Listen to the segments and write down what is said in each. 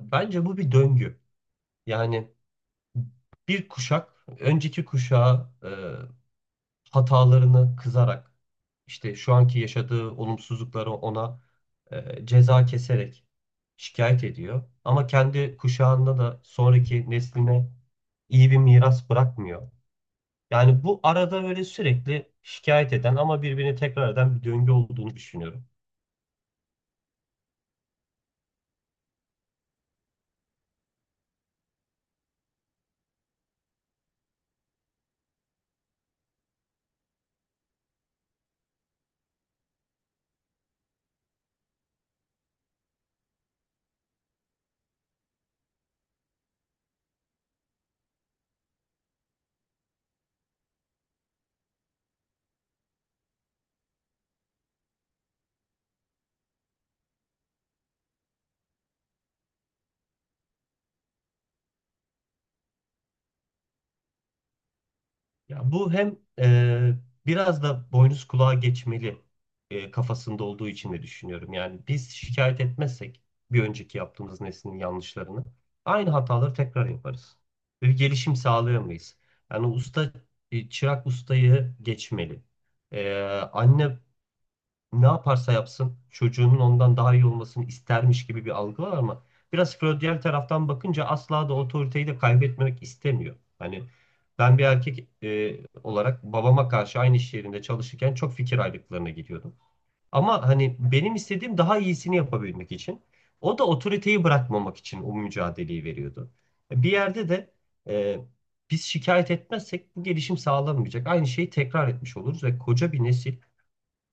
Bence bu bir döngü. Yani bir kuşak önceki kuşağa hatalarını kızarak işte şu anki yaşadığı olumsuzlukları ona ceza keserek şikayet ediyor. Ama kendi kuşağında da sonraki nesline iyi bir miras bırakmıyor. Yani bu arada böyle sürekli şikayet eden ama birbirini tekrar eden bir döngü olduğunu düşünüyorum. Ya bu hem biraz da boynuz kulağa geçmeli kafasında olduğu için de düşünüyorum. Yani biz şikayet etmezsek bir önceki yaptığımız neslin yanlışlarını aynı hataları tekrar yaparız. Ve bir gelişim sağlayamayız. Yani usta çırak ustayı geçmeli. E, anne ne yaparsa yapsın çocuğunun ondan daha iyi olmasını istermiş gibi bir algı var ama biraz Freudian taraftan bakınca asla da otoriteyi de kaybetmemek istemiyor. Hani ben bir erkek olarak babama karşı aynı iş yerinde çalışırken çok fikir ayrılıklarına gidiyordum. Ama hani benim istediğim daha iyisini yapabilmek için o da otoriteyi bırakmamak için o mücadeleyi veriyordu. Bir yerde de e, biz şikayet etmezsek bu gelişim sağlanmayacak. Aynı şeyi tekrar etmiş oluruz ve koca bir nesil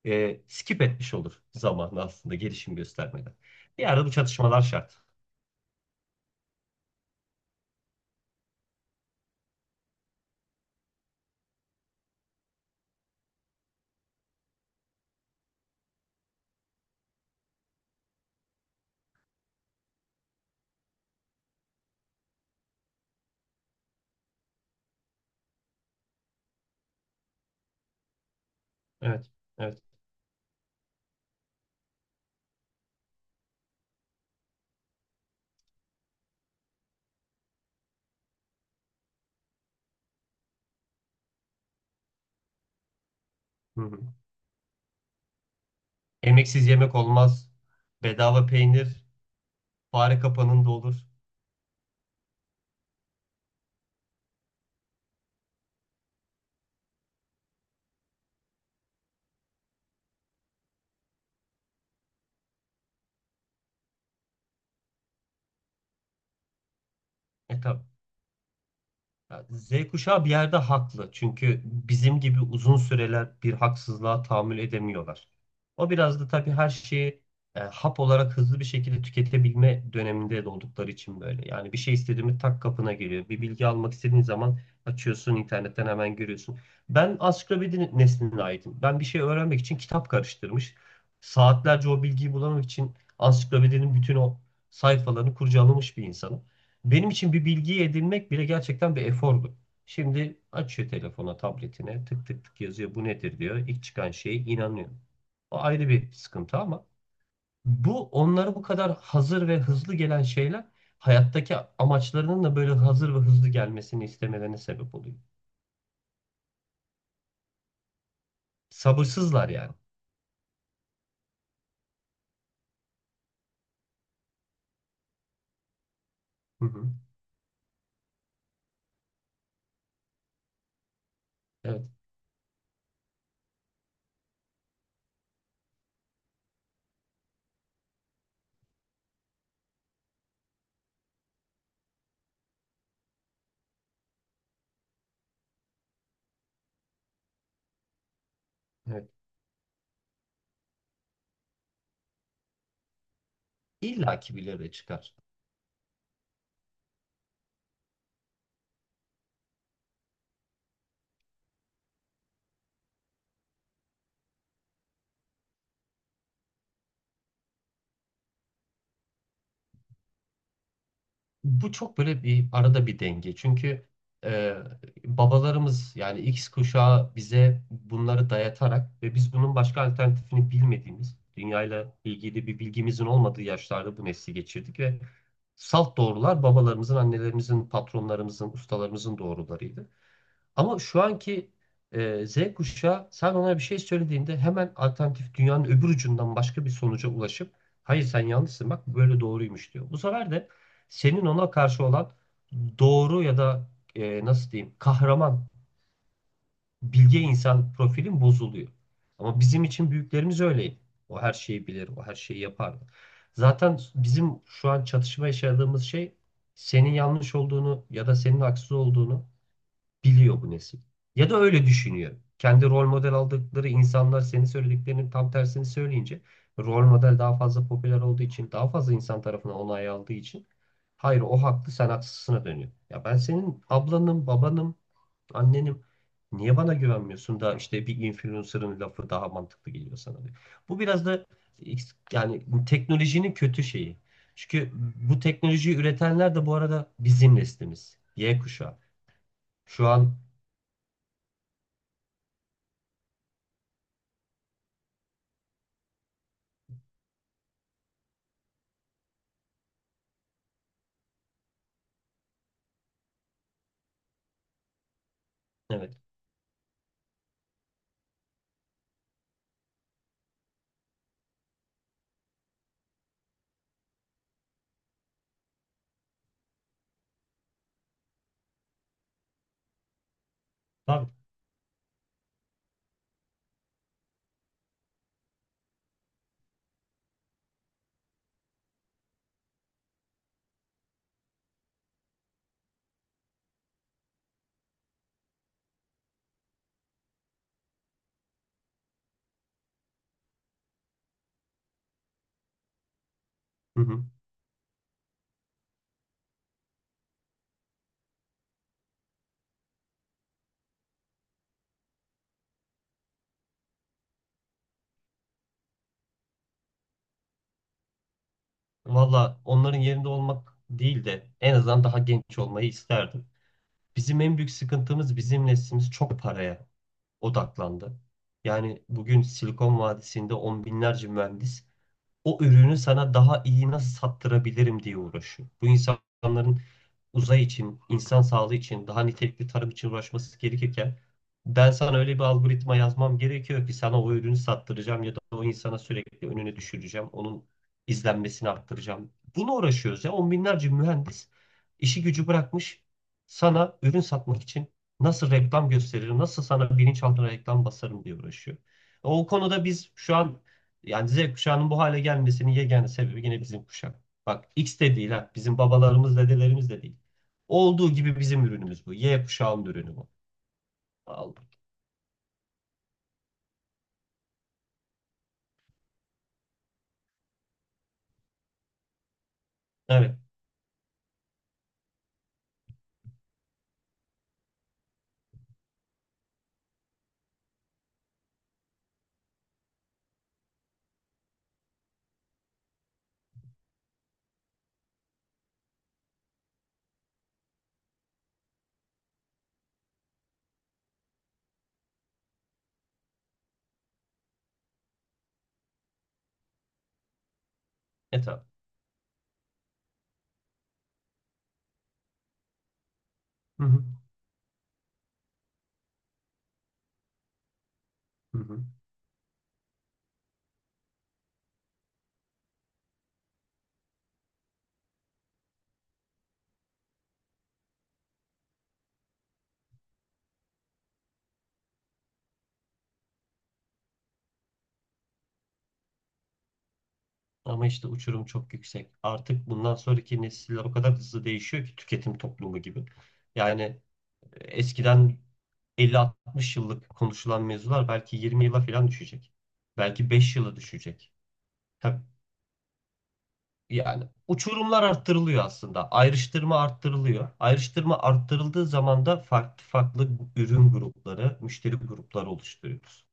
skip etmiş olur zamanı aslında gelişim göstermeden. Bir arada bu çatışmalar şart. Evet, evet. Hı hı. Emeksiz yemek olmaz. Bedava peynir, fare kapanında olur. E tabi. Ya Z kuşağı bir yerde haklı. Çünkü bizim gibi uzun süreler bir haksızlığa tahammül edemiyorlar. O biraz da tabii her şeyi hap olarak hızlı bir şekilde tüketebilme döneminde de oldukları için böyle. Yani bir şey istediğimi tak kapına geliyor. Bir bilgi almak istediğin zaman açıyorsun internetten hemen görüyorsun. Ben ansiklopedi nesline aitim. Ben bir şey öğrenmek için kitap karıştırmış. Saatlerce o bilgiyi bulamak için ansiklopedinin bütün o sayfalarını kurcalamış bir insanım. Benim için bir bilgiyi edinmek bile gerçekten bir efordu. Şimdi açıyor telefona, tabletine, tık tık tık yazıyor. Bu nedir diyor. İlk çıkan şeye inanıyor. O ayrı bir sıkıntı ama bu onlara bu kadar hazır ve hızlı gelen şeyler hayattaki amaçlarının da böyle hazır ve hızlı gelmesini istemelerine sebep oluyor. Sabırsızlar yani. Hı hı. Evet, evet. İlla ki birileri çıkar. Bu çok böyle bir arada bir denge. Çünkü e, babalarımız yani X kuşağı bize bunları dayatarak ve biz bunun başka alternatifini bilmediğimiz, dünyayla ilgili bir bilgimizin olmadığı yaşlarda bu nesli geçirdik ve salt doğrular babalarımızın, annelerimizin, patronlarımızın, ustalarımızın doğrularıydı. Ama şu anki Z kuşağı sen ona bir şey söylediğinde hemen alternatif dünyanın öbür ucundan başka bir sonuca ulaşıp hayır sen yanlışsın bak böyle doğruymuş diyor. Bu sefer de senin ona karşı olan doğru ya da nasıl diyeyim kahraman bilge insan profilin bozuluyor. Ama bizim için büyüklerimiz öyleydi. O her şeyi bilir, o her şeyi yapardı. Zaten bizim şu an çatışma yaşadığımız şey senin yanlış olduğunu ya da senin haksız olduğunu biliyor bu nesil. Ya da öyle düşünüyor. Kendi rol model aldıkları insanlar senin söylediklerinin tam tersini söyleyince rol model daha fazla popüler olduğu için daha fazla insan tarafından onay aldığı için hayır o haklı sen haksızsına dönüyor. Ya ben senin ablanım, babanım, annenim niye bana güvenmiyorsun da işte bir influencer'ın lafı daha mantıklı geliyor sana diyor. Bu biraz da yani teknolojinin kötü şeyi. Çünkü bu teknolojiyi üretenler de bu arada bizim neslimiz. Y kuşağı. Şu an evet. Tabii. Hı hı. Valla onların yerinde olmak değil de en azından daha genç olmayı isterdim. Bizim en büyük sıkıntımız bizim neslimiz çok paraya odaklandı. Yani bugün Silikon Vadisi'nde on binlerce mühendis o ürünü sana daha iyi nasıl sattırabilirim diye uğraşıyor. Bu insanların uzay için, insan sağlığı için, daha nitelikli tarım için uğraşması gerekirken ben sana öyle bir algoritma yazmam gerekiyor ki sana o ürünü sattıracağım ya da o insana sürekli önüne düşüreceğim, onun izlenmesini arttıracağım. Bunu uğraşıyoruz ya. On binlerce mühendis işi gücü bırakmış sana ürün satmak için nasıl reklam gösteririm, nasıl sana bilinçaltına reklam basarım diye uğraşıyor. O konuda biz şu an yani Z kuşağının bu hale gelmesinin yegane sebebi yine bizim kuşak. Bak X de değil ha. Bizim babalarımız, dedelerimiz de değil. Olduğu gibi bizim ürünümüz bu. Y kuşağının ürünü bu. Aldım. Evet. Evet abi. Hı hı. Hı hı. Ama işte uçurum çok yüksek. Artık bundan sonraki nesiller o kadar hızlı değişiyor ki tüketim toplumu gibi. Yani eskiden 50-60 yıllık konuşulan mevzular belki 20 yıla falan düşecek. Belki 5 yıla düşecek. Tabii. Yani uçurumlar arttırılıyor aslında. Ayrıştırma arttırılıyor. Ayrıştırma arttırıldığı zaman da farklı farklı ürün grupları, müşteri grupları oluşturuyoruz.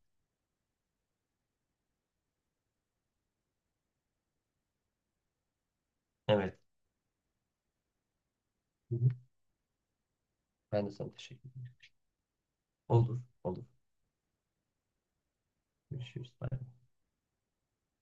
Evet. Hı hı. Ben de sana teşekkür ederim. Olur, olur. Görüşürüz. Bye.